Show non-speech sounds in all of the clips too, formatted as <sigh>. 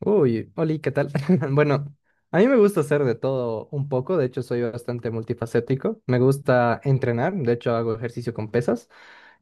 Uy, Oli, ¿qué tal? <laughs> Bueno, a mí me gusta hacer de todo un poco, de hecho soy bastante multifacético. Me gusta entrenar, de hecho hago ejercicio con pesas.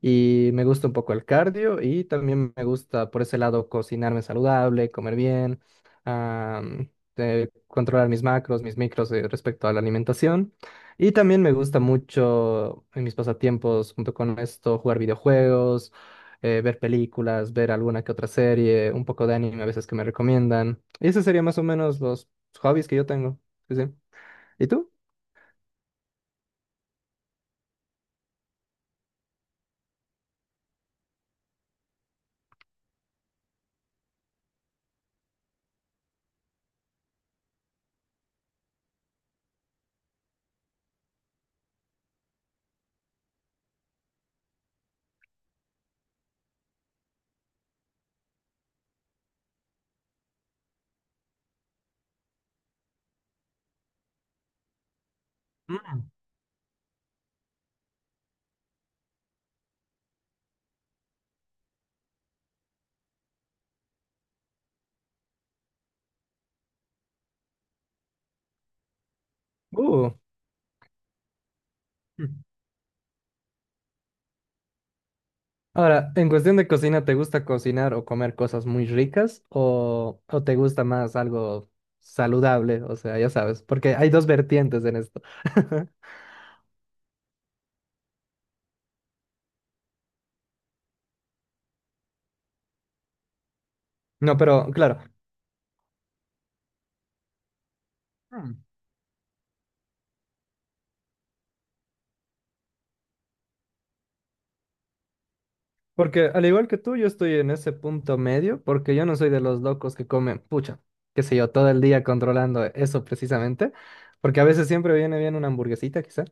Y me gusta un poco el cardio y también me gusta por ese lado cocinarme saludable, comer bien, am, controlar mis macros, mis micros, respecto a la alimentación. Y también me gusta mucho en mis pasatiempos, junto con esto, jugar videojuegos, ver películas, ver alguna que otra serie, un poco de anime a veces que me recomiendan. Y ese sería más o menos los hobbies que yo tengo. Sí, sí. ¿Y tú? Uh. Ahora, en cuestión de cocina, ¿te gusta cocinar o comer cosas muy ricas o te gusta más algo saludable? O sea, ya sabes, porque hay dos vertientes en esto. <laughs> No, pero claro, Hmm. Porque al igual que tú, yo estoy en ese punto medio, porque yo no soy de los locos que comen, pucha, qué sé yo, todo el día controlando eso precisamente, porque a veces siempre viene bien una hamburguesita, quizá,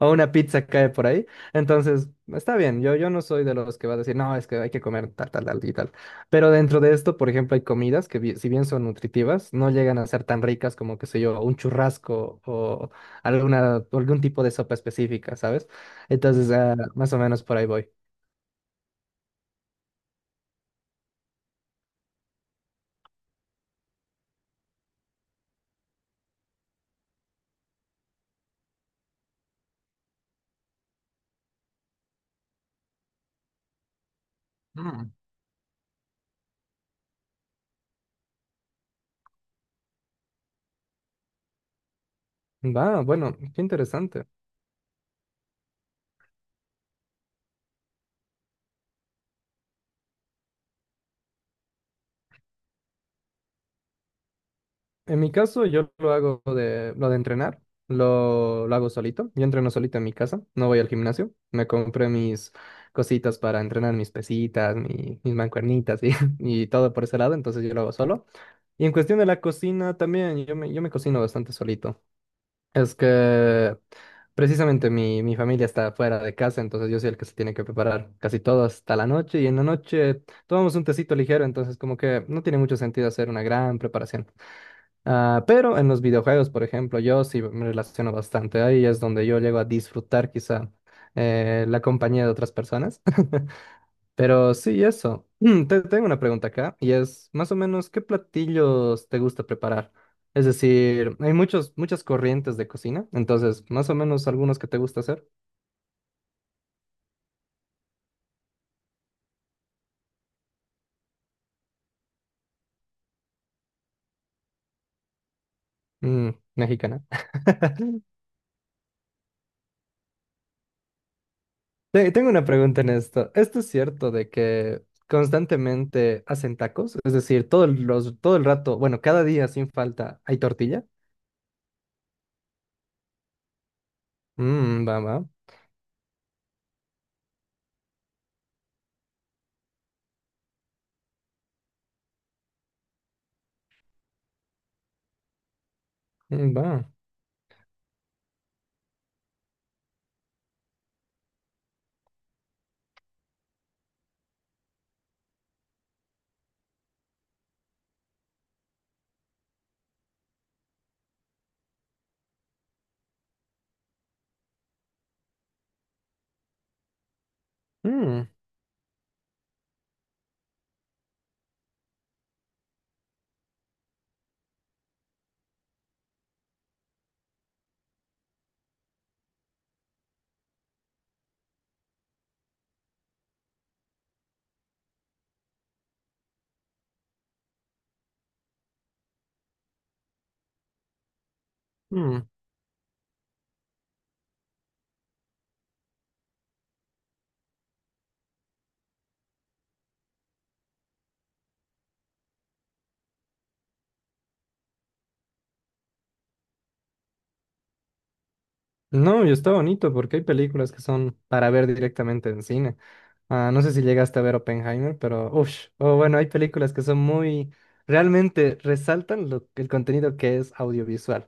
o una pizza cae por ahí. Entonces, está bien, yo no soy de los que va a decir, no, es que hay que comer tal, tal, tal y tal. Pero dentro de esto, por ejemplo, hay comidas que si bien son nutritivas, no llegan a ser tan ricas como, qué sé yo, un churrasco o algún tipo de sopa específica, ¿sabes? Entonces, más o menos por ahí voy. Mm. Va, bueno, qué interesante. En mi caso, yo lo hago de lo de entrenar, lo hago solito. Yo entreno solito en mi casa, no voy al gimnasio. Me compré mis cositas para entrenar, mis pesitas, mis mancuernitas y, <laughs> y todo por ese lado, entonces yo lo hago solo. Y en cuestión de la cocina también, yo me cocino bastante solito. Es que precisamente mi familia está fuera de casa, entonces yo soy el que se tiene que preparar casi todo hasta la noche y en la noche tomamos un tecito ligero, entonces como que no tiene mucho sentido hacer una gran preparación. Ah, pero en los videojuegos, por ejemplo, yo sí me relaciono bastante. Ahí es donde yo llego a disfrutar quizá la compañía de otras personas. <laughs> Pero sí, eso. Te tengo una pregunta acá y es más o menos ¿qué platillos te gusta preparar? Es decir, muchas corrientes de cocina, entonces más o menos algunos que te gusta hacer. Mm, mexicana. <laughs> Tengo una pregunta en esto. ¿Esto es cierto de que constantemente hacen tacos? Es decir, todo el rato, bueno, cada día sin falta, ¿hay tortilla? Mmm, va, va, mm, va. Mm, mm. No, y está bonito porque hay películas que son para ver directamente en cine. Ah, no sé si llegaste a ver Oppenheimer, pero uff, o bueno, hay películas que son muy, realmente resaltan el contenido que es audiovisual,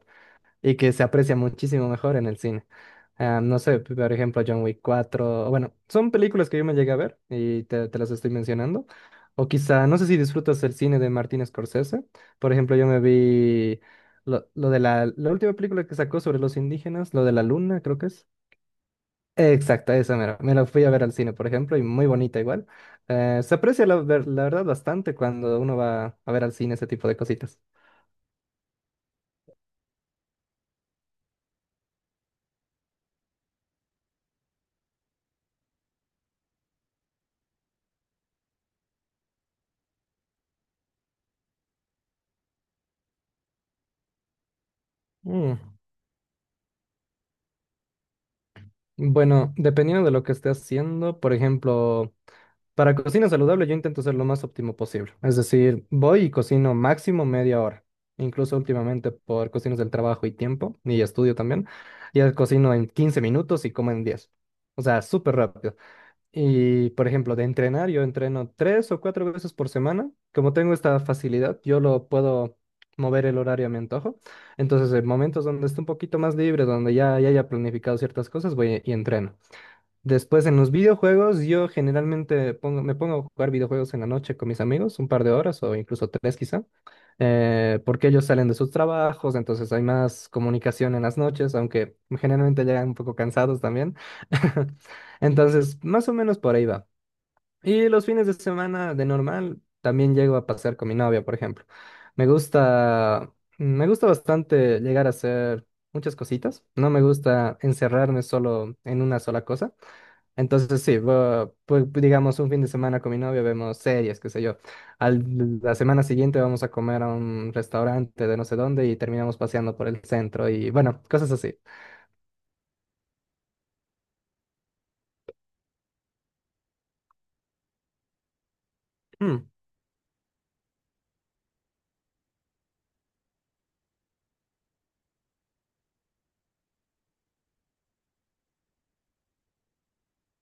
y que se aprecia muchísimo mejor en el cine. Ah, no sé, por ejemplo, John Wick 4, bueno, son películas que yo me llegué a ver y te las estoy mencionando. O quizá, no sé si disfrutas el cine de Martin Scorsese. Por ejemplo, yo me vi la última película que sacó sobre los indígenas, lo de la luna, creo que es. Exacto, esa mera. Me la fui a ver al cine, por ejemplo, y muy bonita igual. Se aprecia la, la verdad bastante cuando uno va a ver al cine ese tipo de cositas. Mm. Bueno, dependiendo de lo que esté haciendo, por ejemplo, para cocina saludable yo intento ser lo más óptimo posible. Es decir, voy y cocino máximo media hora. Incluso últimamente por cuestiones del trabajo y tiempo, y estudio también, ya cocino en 15 minutos y como en 10. O sea, súper rápido. Y, por ejemplo, de entrenar, yo entreno tres o cuatro veces por semana. Como tengo esta facilidad, yo lo puedo mover el horario a mi antojo. Entonces, en momentos donde esté un poquito más libre, donde ya haya planificado ciertas cosas, voy y entreno. Después en los videojuegos, me pongo a jugar videojuegos en la noche con mis amigos, un par de horas o incluso tres quizá, porque ellos salen de sus trabajos, entonces hay más comunicación en las noches, aunque generalmente llegan un poco cansados también. <laughs> Entonces, más o menos por ahí va. Y los fines de semana de normal también llego a pasar con mi novia, por ejemplo. Me gusta, me gusta bastante llegar a hacer muchas cositas. No me gusta encerrarme solo en una sola cosa. Entonces sí, pues digamos un fin de semana con mi novia vemos series, qué sé yo. La semana siguiente vamos a comer a un restaurante de no sé dónde y terminamos paseando por el centro y bueno, cosas así. Mm,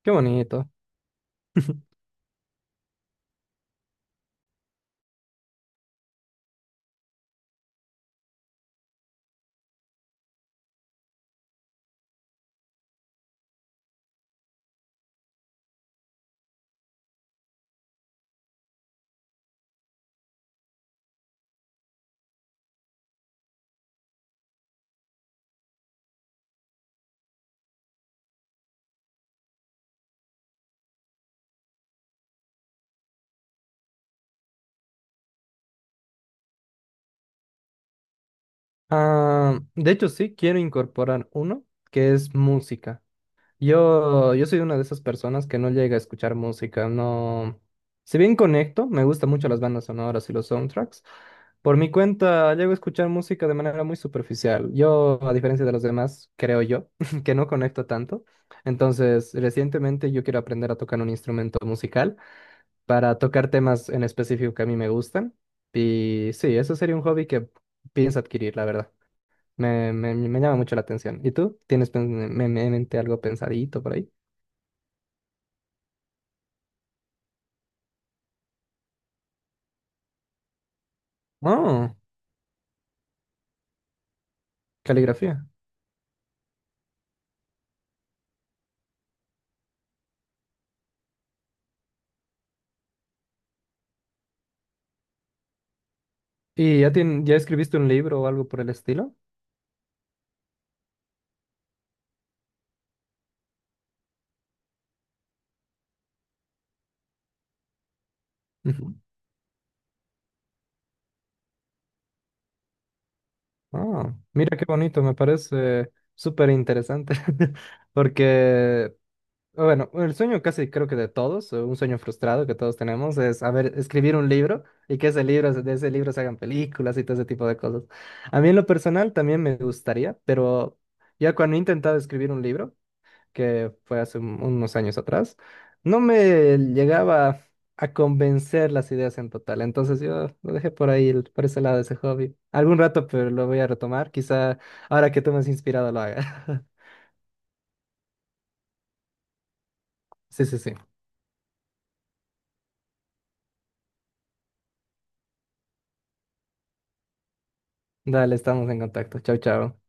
qué bonito. <laughs> Ah, de hecho sí, quiero incorporar uno que es música. Yo soy una de esas personas que no llega a escuchar música, no. Si bien conecto, me gustan mucho las bandas sonoras y los soundtracks. Por mi cuenta, llego a escuchar música de manera muy superficial. Yo, a diferencia de los demás, creo yo, <laughs> que no conecto tanto. Entonces, recientemente yo quiero aprender a tocar un instrumento musical para tocar temas en específico que a mí me gustan. Y sí, eso sería un hobby que pienso adquirir, la verdad. Me llama mucho la atención. ¿Y tú? ¿Tienes en mente algo pensadito por ahí? Oh, caligrafía. ¿Y ya, ya escribiste un libro o algo por el estilo? Ujú. Oh, mira qué bonito, me parece súper interesante. <laughs> Porque, bueno, el sueño casi creo que de todos, un sueño frustrado que todos tenemos, es, a ver, escribir un libro y que ese libro, de ese libro se hagan películas y todo ese tipo de cosas. A mí en lo personal también me gustaría, pero ya cuando he intentado escribir un libro, que fue hace unos años atrás, no me llegaba a convencer las ideas en total. Entonces yo lo dejé por ahí, por ese lado de ese hobby. Algún rato, pero lo voy a retomar. Quizá ahora que tú me has inspirado lo haga. <laughs> Sí, sí, sí. Dale, estamos en contacto. Chau, chau.